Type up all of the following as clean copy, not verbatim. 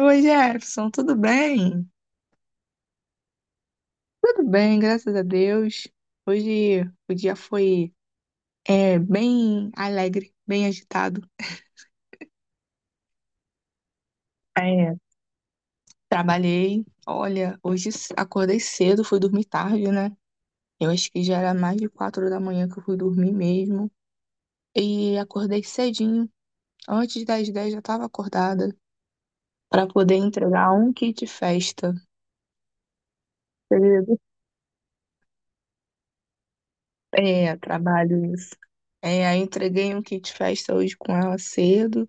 Oi, Jefferson, tudo bem? Tudo bem, graças a Deus. Hoje o dia foi bem alegre, bem agitado. É, trabalhei, olha, hoje acordei cedo, fui dormir tarde, né? Eu acho que já era mais de 4 da manhã que eu fui dormir mesmo. E acordei cedinho, antes das 10 já estava acordada, para poder entregar um kit festa. Cedo. É, trabalho isso. É, aí entreguei um kit festa hoje com ela cedo.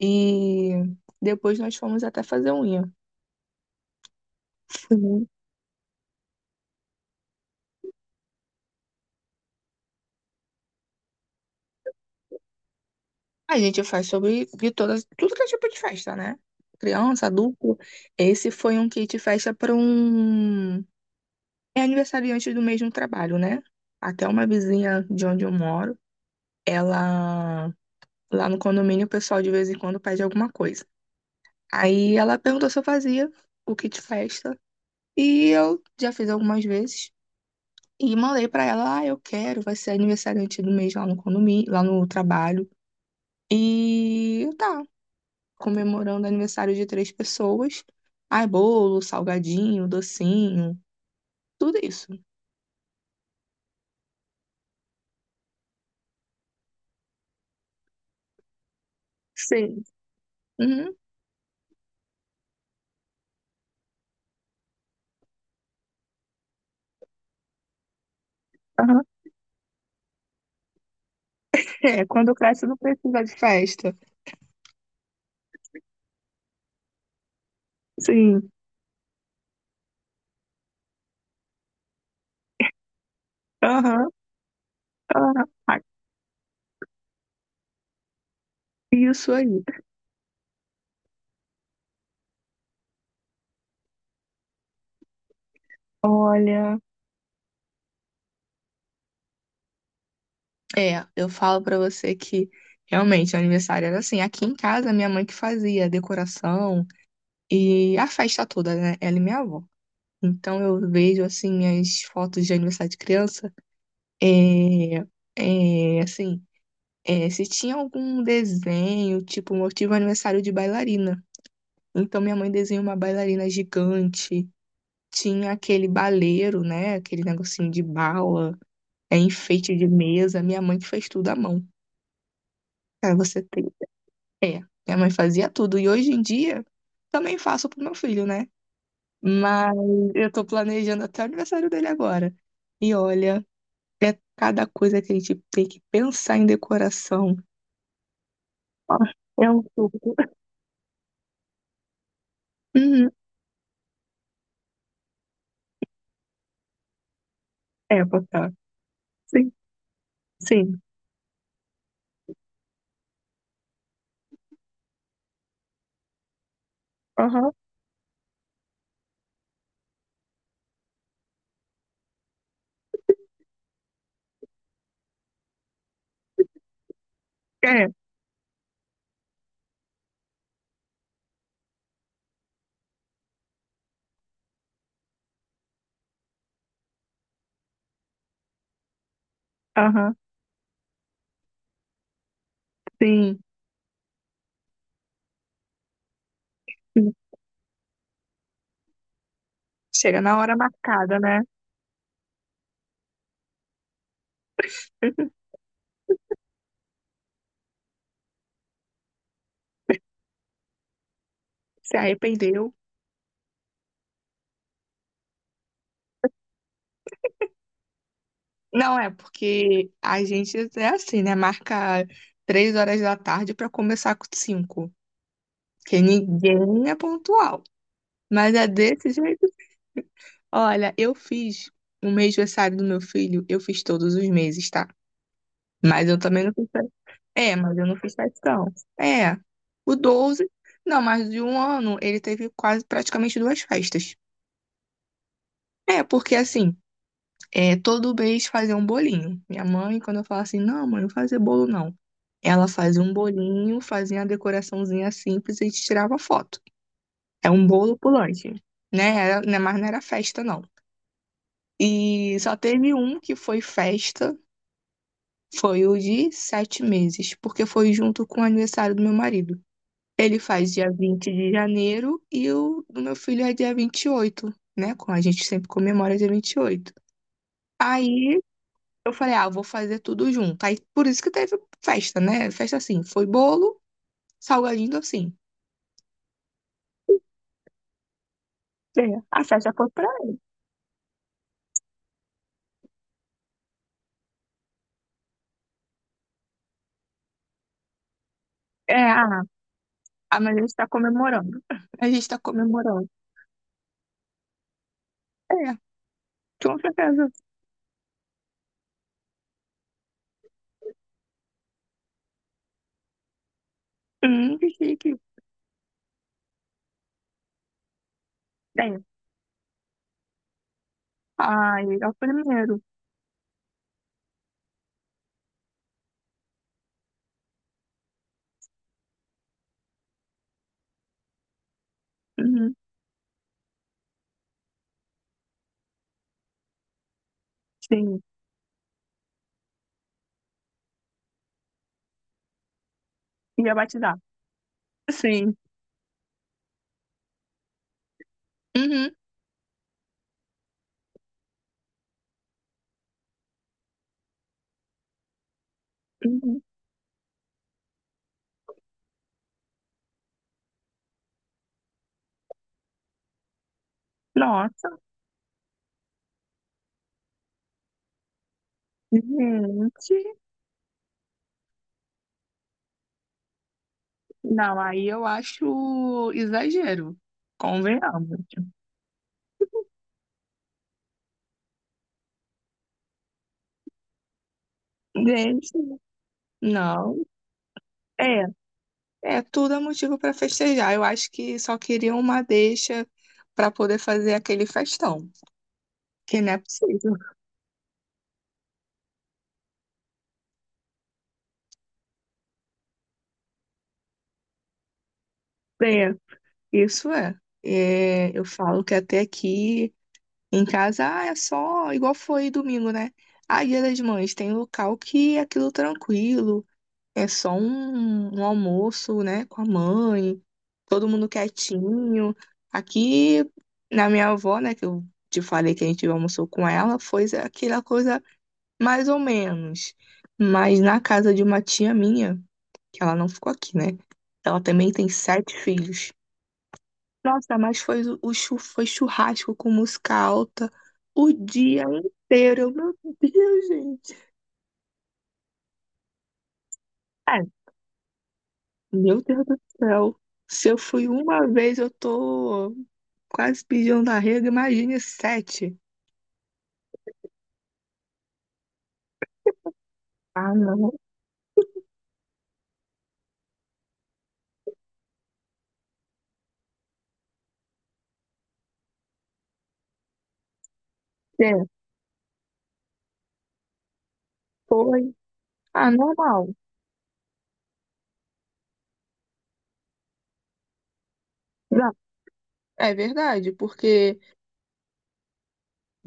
E depois nós fomos até fazer unha. Uhum. A gente faz sobre de todas, tudo que é tipo de festa, né? Criança, adulto. Esse foi um kit festa para um aniversariante do mesmo trabalho, né? Até uma vizinha de onde eu moro, ela lá no condomínio o pessoal de vez em quando pede alguma coisa. Aí ela perguntou se eu fazia o kit festa e eu já fiz algumas vezes. E mandei pra ela, ah, eu quero, vai ser aniversariante do mês lá no condomínio, lá no trabalho. E tá, comemorando aniversário de três pessoas. Ai, bolo, salgadinho, docinho, tudo isso. Sim. Uhum. Aham. É, quando cresce não precisa de festa. Sim. Aham. Aham. Ah, isso aí. Olha. É, eu falo pra você que realmente o aniversário era assim. Aqui em casa, minha mãe que fazia a decoração e a festa toda, né? Ela e minha avó. Então eu vejo assim minhas fotos de aniversário de criança. É, assim, se tinha algum desenho, tipo, eu tive um aniversário de bailarina. Então minha mãe desenhou uma bailarina gigante, tinha aquele baleiro, né? Aquele negocinho de bala, enfeite de mesa. Minha mãe que fez tudo à mão. Pra você ter. É, minha mãe fazia tudo. E hoje em dia também faço pro meu filho, né? Mas eu tô planejando até o aniversário dele agora. E olha, é cada coisa que a gente tem que pensar em decoração. Nossa, é um suco. Uhum. É, botar. Sim, sim. Aham. É, aham. Sim, sim. Chega na hora marcada, né? Se arrependeu. Não é, porque a gente é assim, né? Marca 3 horas da tarde pra começar com 5. Porque ninguém é pontual. Mas é desse jeito. Olha, eu fiz o mês aniversário do meu filho, eu fiz todos os meses, tá? Mas eu também não fiz. É, mas eu não fiz festão. É, o 12, não, mas de um ano ele teve quase praticamente duas festas. É, porque assim, todo mês fazia um bolinho. Minha mãe, quando eu falo assim, não, mãe, não fazer bolo não. Ela fazia um bolinho, fazia uma decoraçãozinha simples e a gente tirava foto. É um bolo pulante, né? Era, né, mas não era festa, não. E só teve um que foi festa, foi o de 7 meses, porque foi junto com o aniversário do meu marido. Ele faz dia 20 de janeiro e o do meu filho é dia 28, né? Com a gente sempre comemora dia 28. Aí eu falei, ah, eu vou fazer tudo junto. Aí por isso que teve festa, né? Festa assim, foi bolo, salgadinho, docinho. É, a festa foi pra. É, mas a gente tá comemorando. A gente tá comemorando. É, com certeza. Que chique. É. Ai, é o primeiro. Uhum, sim. Ia batizar. Sim. Uhum, uhum. Nossa. Gente, não, aí eu acho exagero, convenhamos. Gente, não, é, tudo é motivo para festejar. Eu acho que só queria uma deixa para poder fazer aquele festão, que não é possível. É, isso é. É, eu falo que até aqui em casa, é só igual foi domingo, né? Ah, Dia das Mães, tem local que é aquilo tranquilo. É só um almoço, né, com a mãe, todo mundo quietinho. Aqui na minha avó, né, que eu te falei que a gente almoçou com ela, foi aquela coisa mais ou menos. Mas na casa de uma tia minha, que ela não ficou aqui, né? Ela também tem sete filhos. Nossa, mas foi churrasco com música alta o dia inteiro. Meu Deus, gente. Meu Deus do céu. Se eu fui uma vez, eu tô quase pedindo arrego, imagine sete. Ah, não. É, foi. Ah, não, é verdade, porque,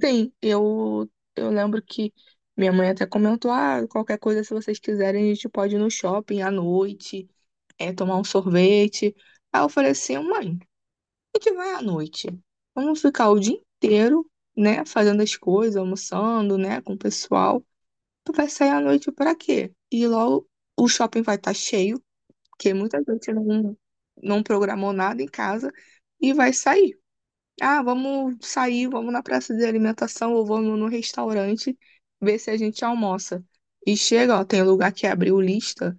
sim, eu lembro que minha mãe até comentou, ah, qualquer coisa, se vocês quiserem, a gente pode ir no shopping à noite, tomar um sorvete. Aí eu falei assim, mãe, a gente vai à noite. Vamos ficar o dia inteiro, né, fazendo as coisas, almoçando, né, com o pessoal. Tu vai sair à noite pra quê? E logo o shopping vai estar cheio, porque muita gente não programou nada em casa e vai sair. Ah, vamos sair, vamos na praça de alimentação ou vamos no restaurante ver se a gente almoça. E chega, ó, tem lugar que abriu lista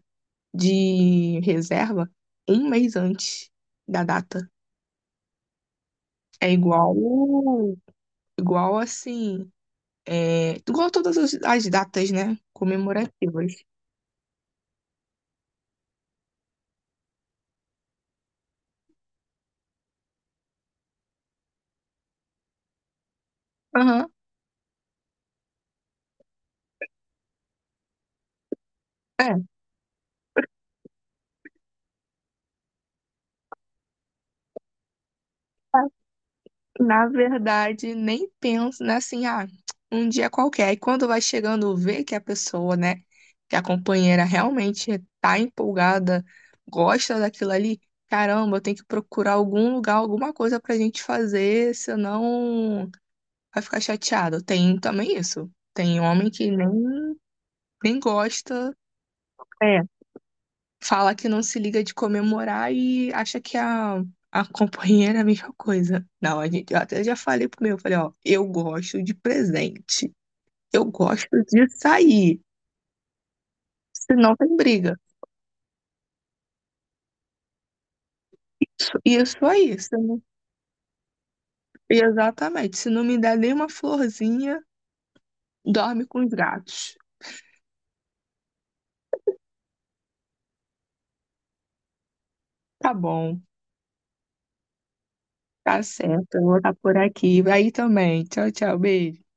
de reserva um mês antes da data. É igual, assim, igual todas as datas, né? Comemorativas. Aham. É. Na verdade, nem penso, né? Assim, um dia qualquer. E quando vai chegando, vê que a pessoa, né, que a companheira realmente tá empolgada, gosta daquilo ali, caramba, eu tenho que procurar algum lugar, alguma coisa pra gente fazer, senão vai ficar chateado. Tem também isso. Tem homem que nem gosta. É, fala que não se liga de comemorar e acha que a companheira é a mesma coisa. Não, a gente, eu até já falei pro meu, falei, ó, eu gosto de presente, eu gosto de sair, senão tem briga. Isso aí, se não- exatamente. Se não me der nenhuma florzinha, dorme com os gatos. Tá bom, tá certo, eu vou estar por aqui. Aí também. Tchau, tchau, beijo.